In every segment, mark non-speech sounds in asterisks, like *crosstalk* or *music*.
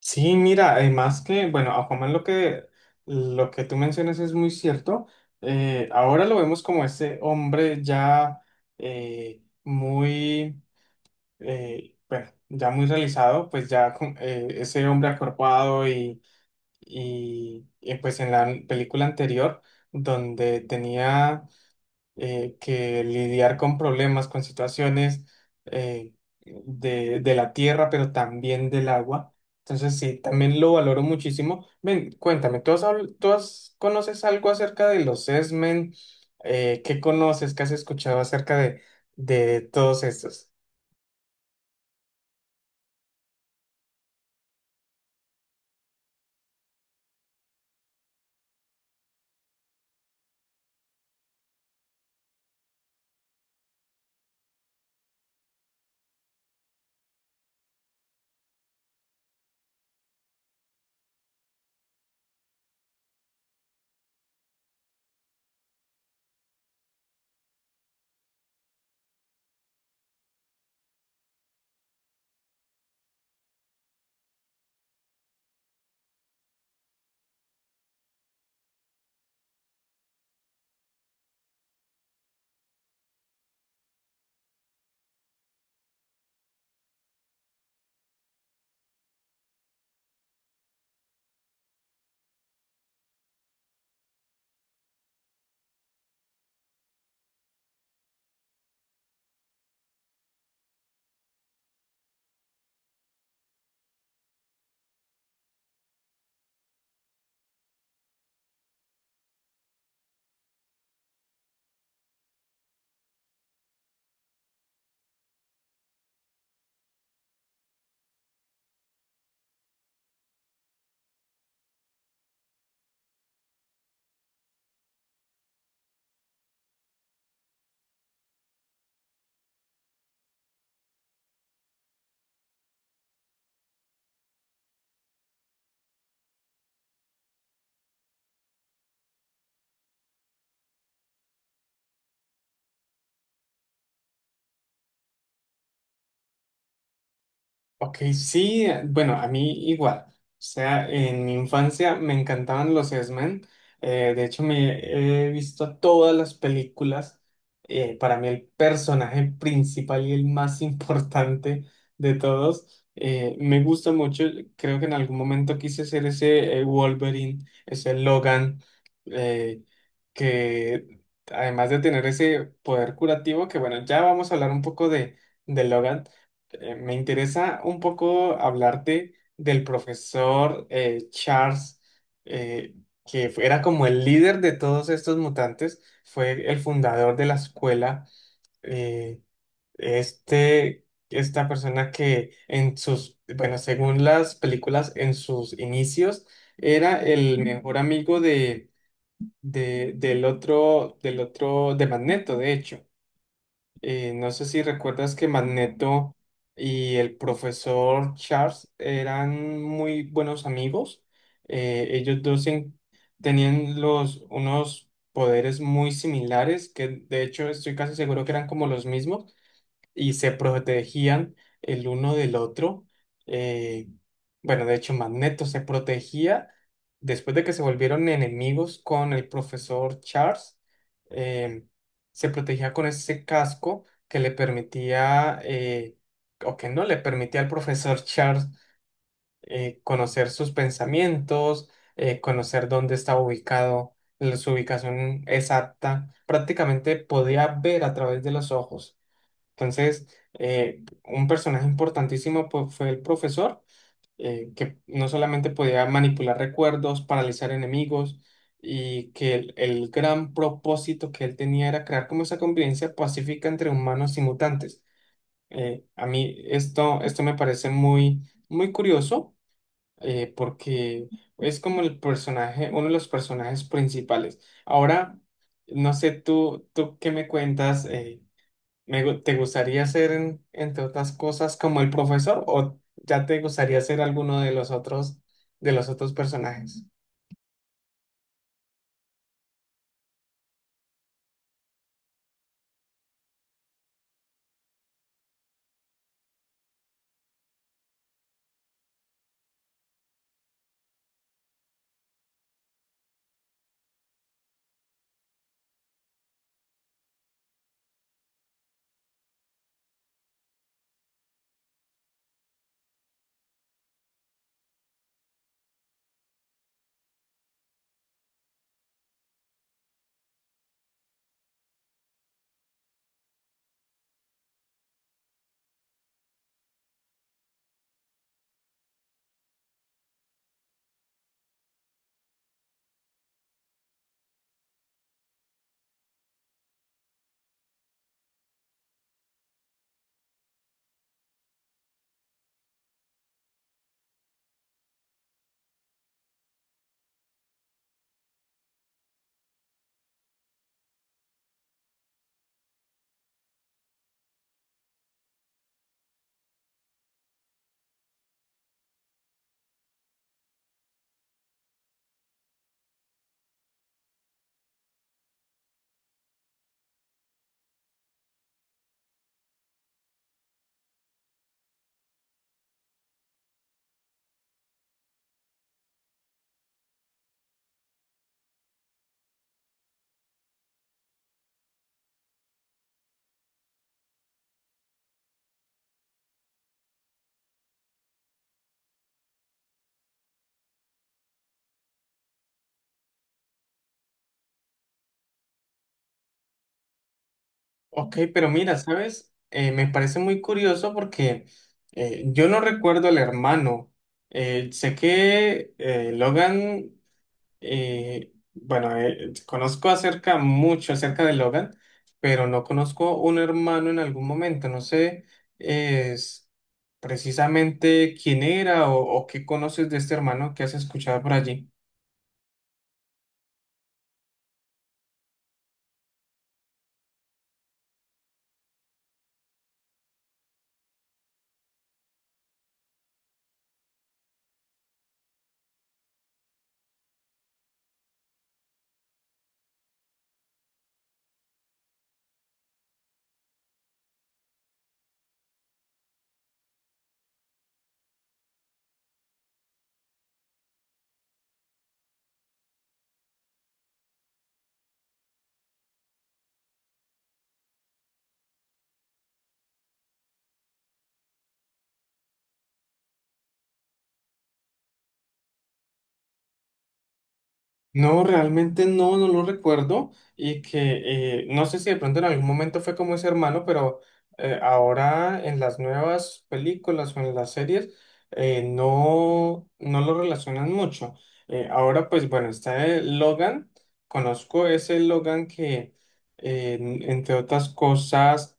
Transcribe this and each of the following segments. Sí, mira, además que, bueno, Aquaman lo que tú mencionas es muy cierto. Ahora lo vemos como ese hombre ya eh, muy, bueno, ya muy realizado, pues ya ese hombre acorpado y, pues en la película anterior, donde tenía que lidiar con problemas, con situaciones eh, de la tierra, pero también del agua. Entonces, sí, también lo valoro muchísimo. Ven, cuéntame, ¿tú has, habl- tú has- conoces algo acerca de los X-Men? ¿Qué conoces? ¿Qué has escuchado acerca de todos estos? Ok, sí, bueno, a mí igual. O sea, en mi infancia me encantaban los X-Men. De hecho, me he visto todas las películas. Para mí el personaje principal y el más *laughs* importante de todos. Me gusta mucho. Creo que en algún momento quise ser ese Wolverine, ese Logan, eh, que además de tener ese poder curativo, que bueno, ya vamos a hablar un poco de Logan, me interesa un poco hablarte del profesor Charles, eh, que era como el líder de todos estos mutantes, fue el fundador de la escuela. eh, Esta persona que en sus, bueno, según las películas, en sus inicios era el mejor amigo del otro, de Magneto, de hecho. No sé si recuerdas que Magneto y el profesor Charles eran muy buenos amigos. Ellos dos tenían los, unos poderes muy similares, que de hecho estoy casi seguro que eran como los mismos y se protegían el uno del otro. eh, bueno, de hecho, Magneto se protegía después de que se volvieron enemigos con el profesor Charles. eh, Se protegía con ese casco que le permitía, o que no le permitía al profesor *laughs* Charles conocer sus pensamientos, conocer dónde estaba ubicado, su ubicación exacta. Prácticamente podía ver a través de los ojos. Entonces, un personaje importantísimo, pues, fue el profesor, que no solamente podía manipular recuerdos, paralizar enemigos, y que el gran propósito que él tenía era crear como esa convivencia pacífica entre humanos y mutantes. A mí esto, esto me parece muy, muy curioso, porque es como el personaje, uno de los personajes principales. Ahora, no sé, tú qué me cuentas. ¿Te gustaría ser, entre otras cosas, como el profesor, o ya te gustaría ser alguno de los otros personajes? Ok, pero mira, ¿sabes? Me parece muy curioso porque yo no recuerdo al hermano. Sé que conozco acerca, mucho acerca de Logan, pero no conozco un hermano en algún momento. No sé eh, s- precisamente quién era, o qué conoces de este hermano que has escuchado por allí. No, realmente no, no lo recuerdo, y que no sé si de pronto en algún momento fue como ese hermano, pero ahora en las nuevas películas o en las series no, no lo relacionan mucho. Ahora pues bueno, está el Logan, conozco ese Logan que entre otras cosas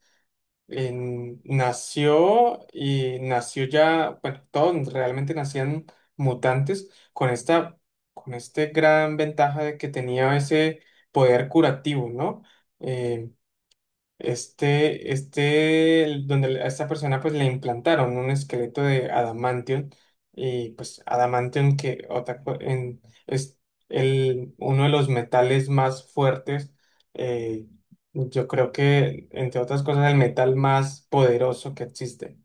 nació y nació ya, bueno, todos realmente nacían mutantes con esta, con este gran ventaja de que tenía ese poder curativo, ¿no? Eh, a esta persona pues le implantaron un esqueleto de adamantium, y pues adamantium, que es uno de los metales más fuertes, eh, yo creo que entre otras cosas el metal más poderoso que existe.